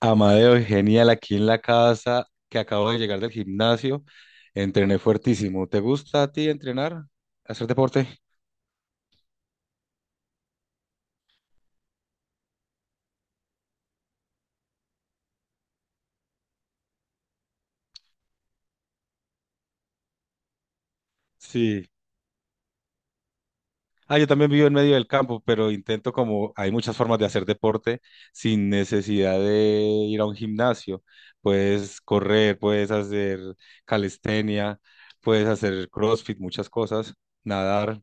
Amadeo, genial aquí en la casa, que acabo de llegar del gimnasio. Entrené fuertísimo. ¿Te gusta a ti entrenar? ¿Hacer deporte? Sí. Ah, yo también vivo en medio del campo, pero intento como hay muchas formas de hacer deporte sin necesidad de ir a un gimnasio. Puedes correr, puedes hacer calistenia, puedes hacer CrossFit, muchas cosas, nadar,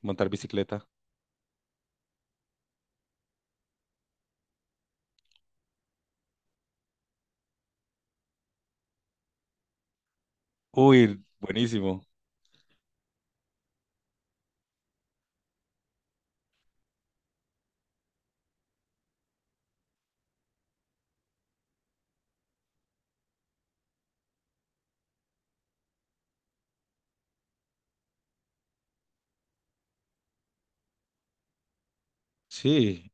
montar bicicleta. Uy, buenísimo. Sí,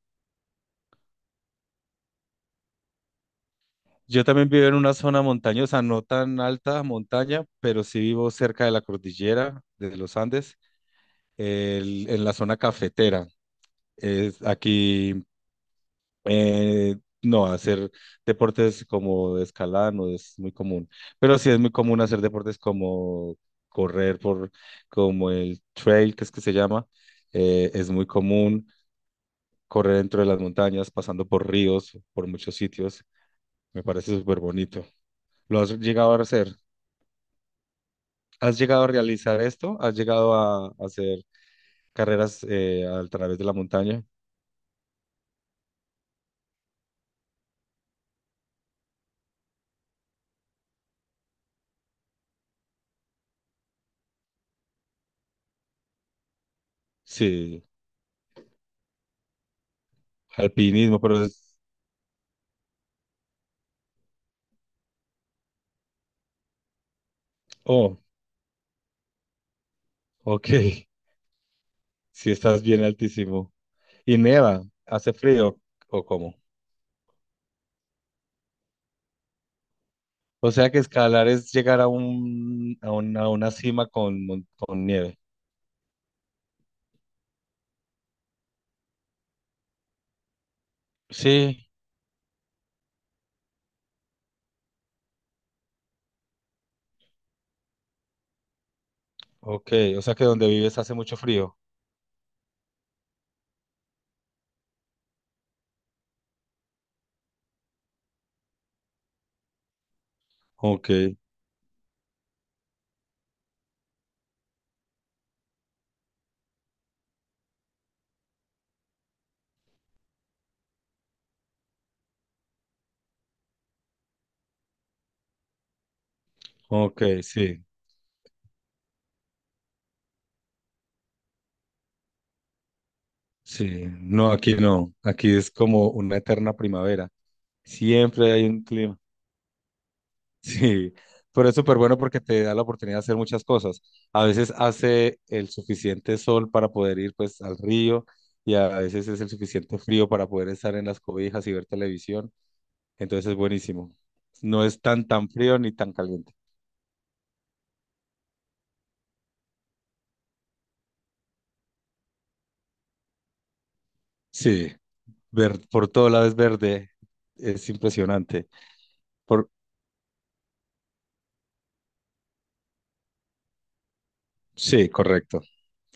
yo también vivo en una zona montañosa, no tan alta montaña, pero sí vivo cerca de la cordillera de los Andes, en la zona cafetera. Es aquí, eh, no, hacer deportes como de escalada no es muy común, pero sí es muy común hacer deportes como correr por, como el trail, que es que se llama, es muy común correr dentro de las montañas, pasando por ríos, por muchos sitios. Me parece súper bonito. ¿Lo has llegado a hacer? ¿Has llegado a realizar esto? ¿Has llegado a hacer carreras a través de la montaña? Sí, alpinismo, pero es... Oh, ok, si estás bien altísimo. ¿Y neva? ¿Hace frío o cómo? O sea que escalar es llegar a un, a una cima con, con nieve. Sí, ok, o sea que donde vives hace mucho frío. Ok, ok, sí, sí. No, aquí no. Aquí es como una eterna primavera. Siempre hay un clima. Sí, pero es súper bueno porque te da la oportunidad de hacer muchas cosas. A veces hace el suficiente sol para poder ir pues al río y a veces es el suficiente frío para poder estar en las cobijas y ver televisión. Entonces es buenísimo. No es tan frío ni tan caliente. Sí, ver por todo lado es verde. Es impresionante. Por... Sí, correcto.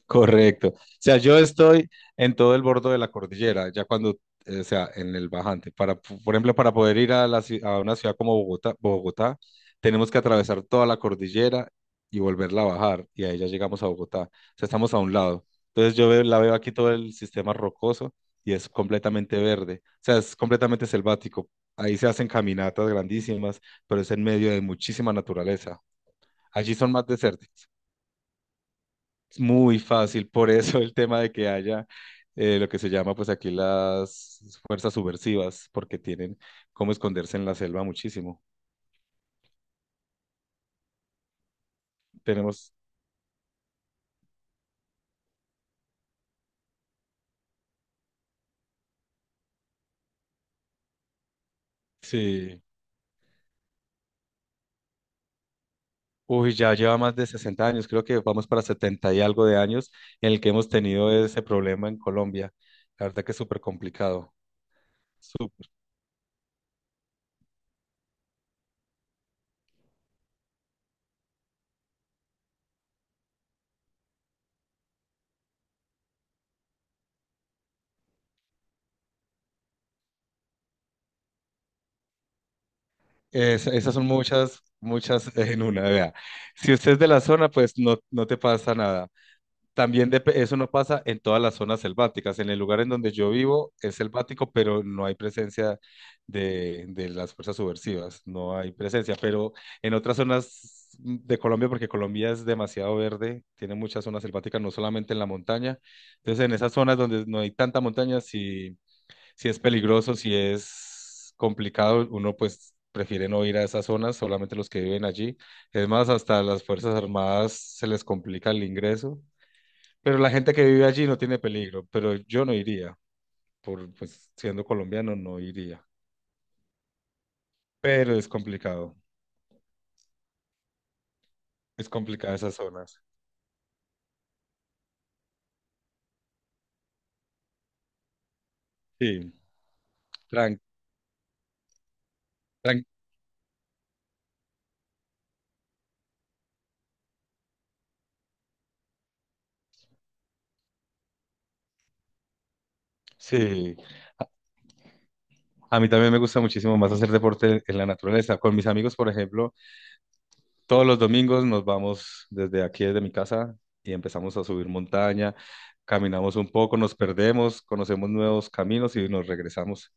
Correcto. O sea, yo estoy en todo el borde de la cordillera, ya cuando, o sea, en el bajante. Para, por ejemplo, para poder ir a, la, a una ciudad como Bogotá, tenemos que atravesar toda la cordillera y volverla a bajar, y ahí ya llegamos a Bogotá. O sea, estamos a un lado. Entonces la veo aquí todo el sistema rocoso y es completamente verde. O sea, es completamente selvático. Ahí se hacen caminatas grandísimas, pero es en medio de muchísima naturaleza. Allí son más desérticos. Es muy fácil, por eso el tema de que haya lo que se llama pues aquí las fuerzas subversivas, porque tienen cómo esconderse en la selva muchísimo. Tenemos, sí, uy, ya lleva más de 60 años, creo que vamos para 70 y algo de años en el que hemos tenido ese problema en Colombia. La verdad que es súper complicado. Súper. Es- esas son muchas en una. Vea, si usted es de la zona, pues no, no te pasa nada. También eso no pasa en todas las zonas selváticas. En el lugar en donde yo vivo es selvático, pero no hay presencia de las fuerzas subversivas, no hay presencia. Pero en otras zonas de Colombia, porque Colombia es demasiado verde, tiene muchas zonas selváticas, no solamente en la montaña. Entonces, en esas zonas donde no hay tanta montaña, si, si es peligroso, si es complicado, uno pues prefiere no ir a esas zonas, solamente los que viven allí. Es más, hasta a las Fuerzas Armadas se les complica el ingreso pero la gente que vive allí no tiene peligro, pero yo no iría, por pues, siendo colombiano no iría. Pero es complicado, es complicada esas zonas. Sí, tran, tran- sí. A, a mí también me gusta muchísimo más hacer deporte en la naturaleza. Con mis amigos, por ejemplo, todos los domingos nos vamos desde aquí, desde mi casa, y empezamos a subir montaña, caminamos un poco, nos perdemos, conocemos nuevos caminos y nos regresamos.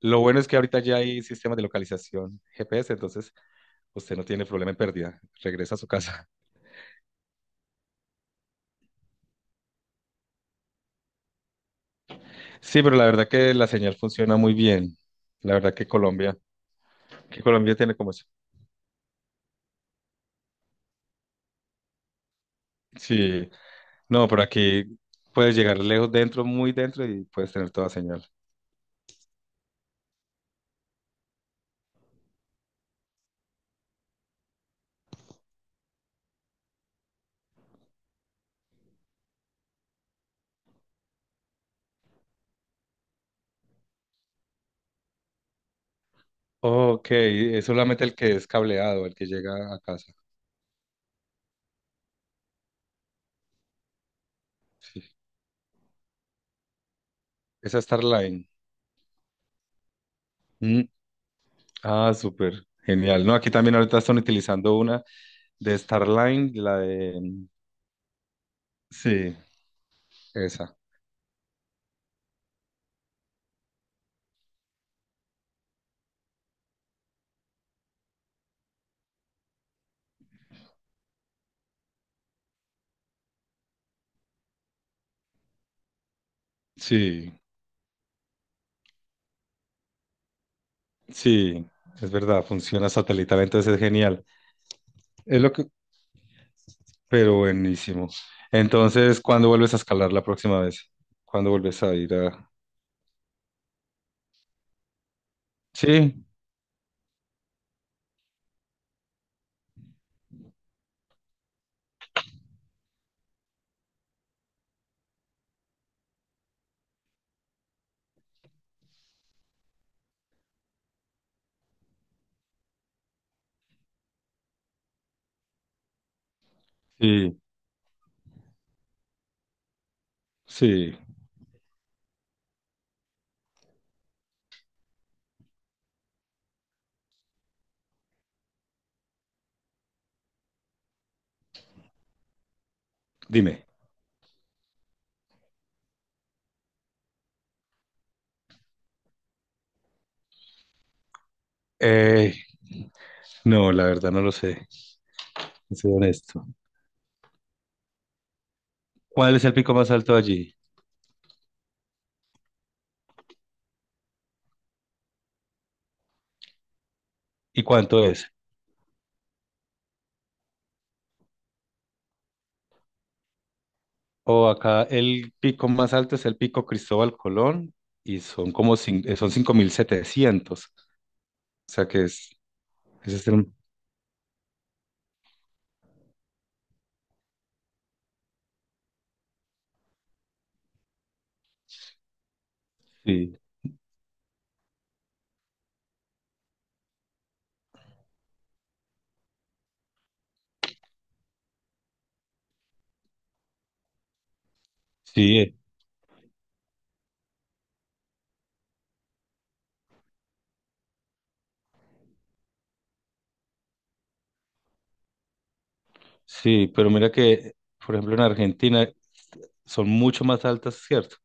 Lo bueno es que ahorita ya hay sistemas de localización GPS, entonces usted no tiene problema en pérdida, regresa a su casa. Sí, pero la verdad que la señal funciona muy bien. La verdad que Colombia tiene como eso. Sí, no, pero aquí puedes llegar lejos dentro, muy dentro y puedes tener toda señal. Ok, es solamente el que es cableado, el que llega a casa. Esa Starline. Mm, ah, súper, genial. No, aquí también ahorita están utilizando una de Starline, la de... Sí, esa. Sí, sí, es verdad, funciona satelital, entonces es genial. Es lo que, pero buenísimo. Entonces, ¿cuándo vuelves a escalar la próxima vez? ¿Cuándo vuelves a ir a...? Sí, sí, sí. Dime. Eh, no, la verdad no lo sé. Soy honesto. ¿Cuál es el pico más alto allí? ¿Y cuánto es? O acá el pico más alto es el pico Cristóbal Colón y son como son 5.700. O sea que es... ese es el- sí, sí, sí. Pero mira que, por ejemplo, en Argentina son mucho más altas, ¿cierto?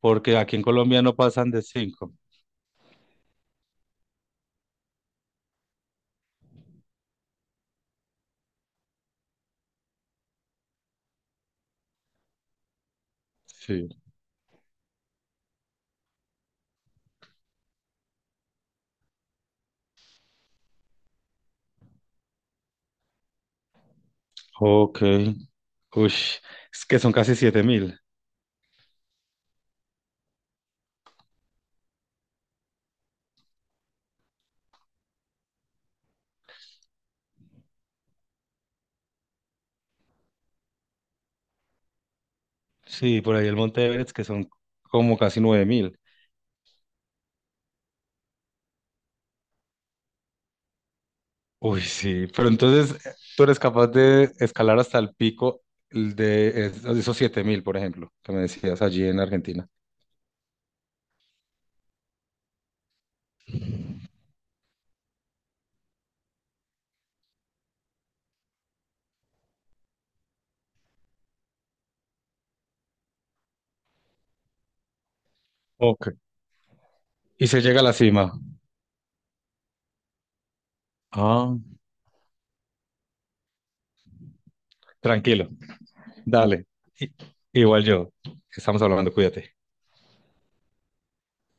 Porque aquí en Colombia no pasan de cinco. Sí. Ok. Ush, es que son casi 7.000. Sí, por ahí el Monte Everest, que son como casi 9.000. Uy, sí. Pero entonces, ¿tú eres capaz de escalar hasta el pico de es- esos 7.000, por ejemplo, que me decías allí en Argentina? Ok. Y se llega a la cima. Ah, tranquilo. Dale. I- igual yo. Estamos hablando, cuídate.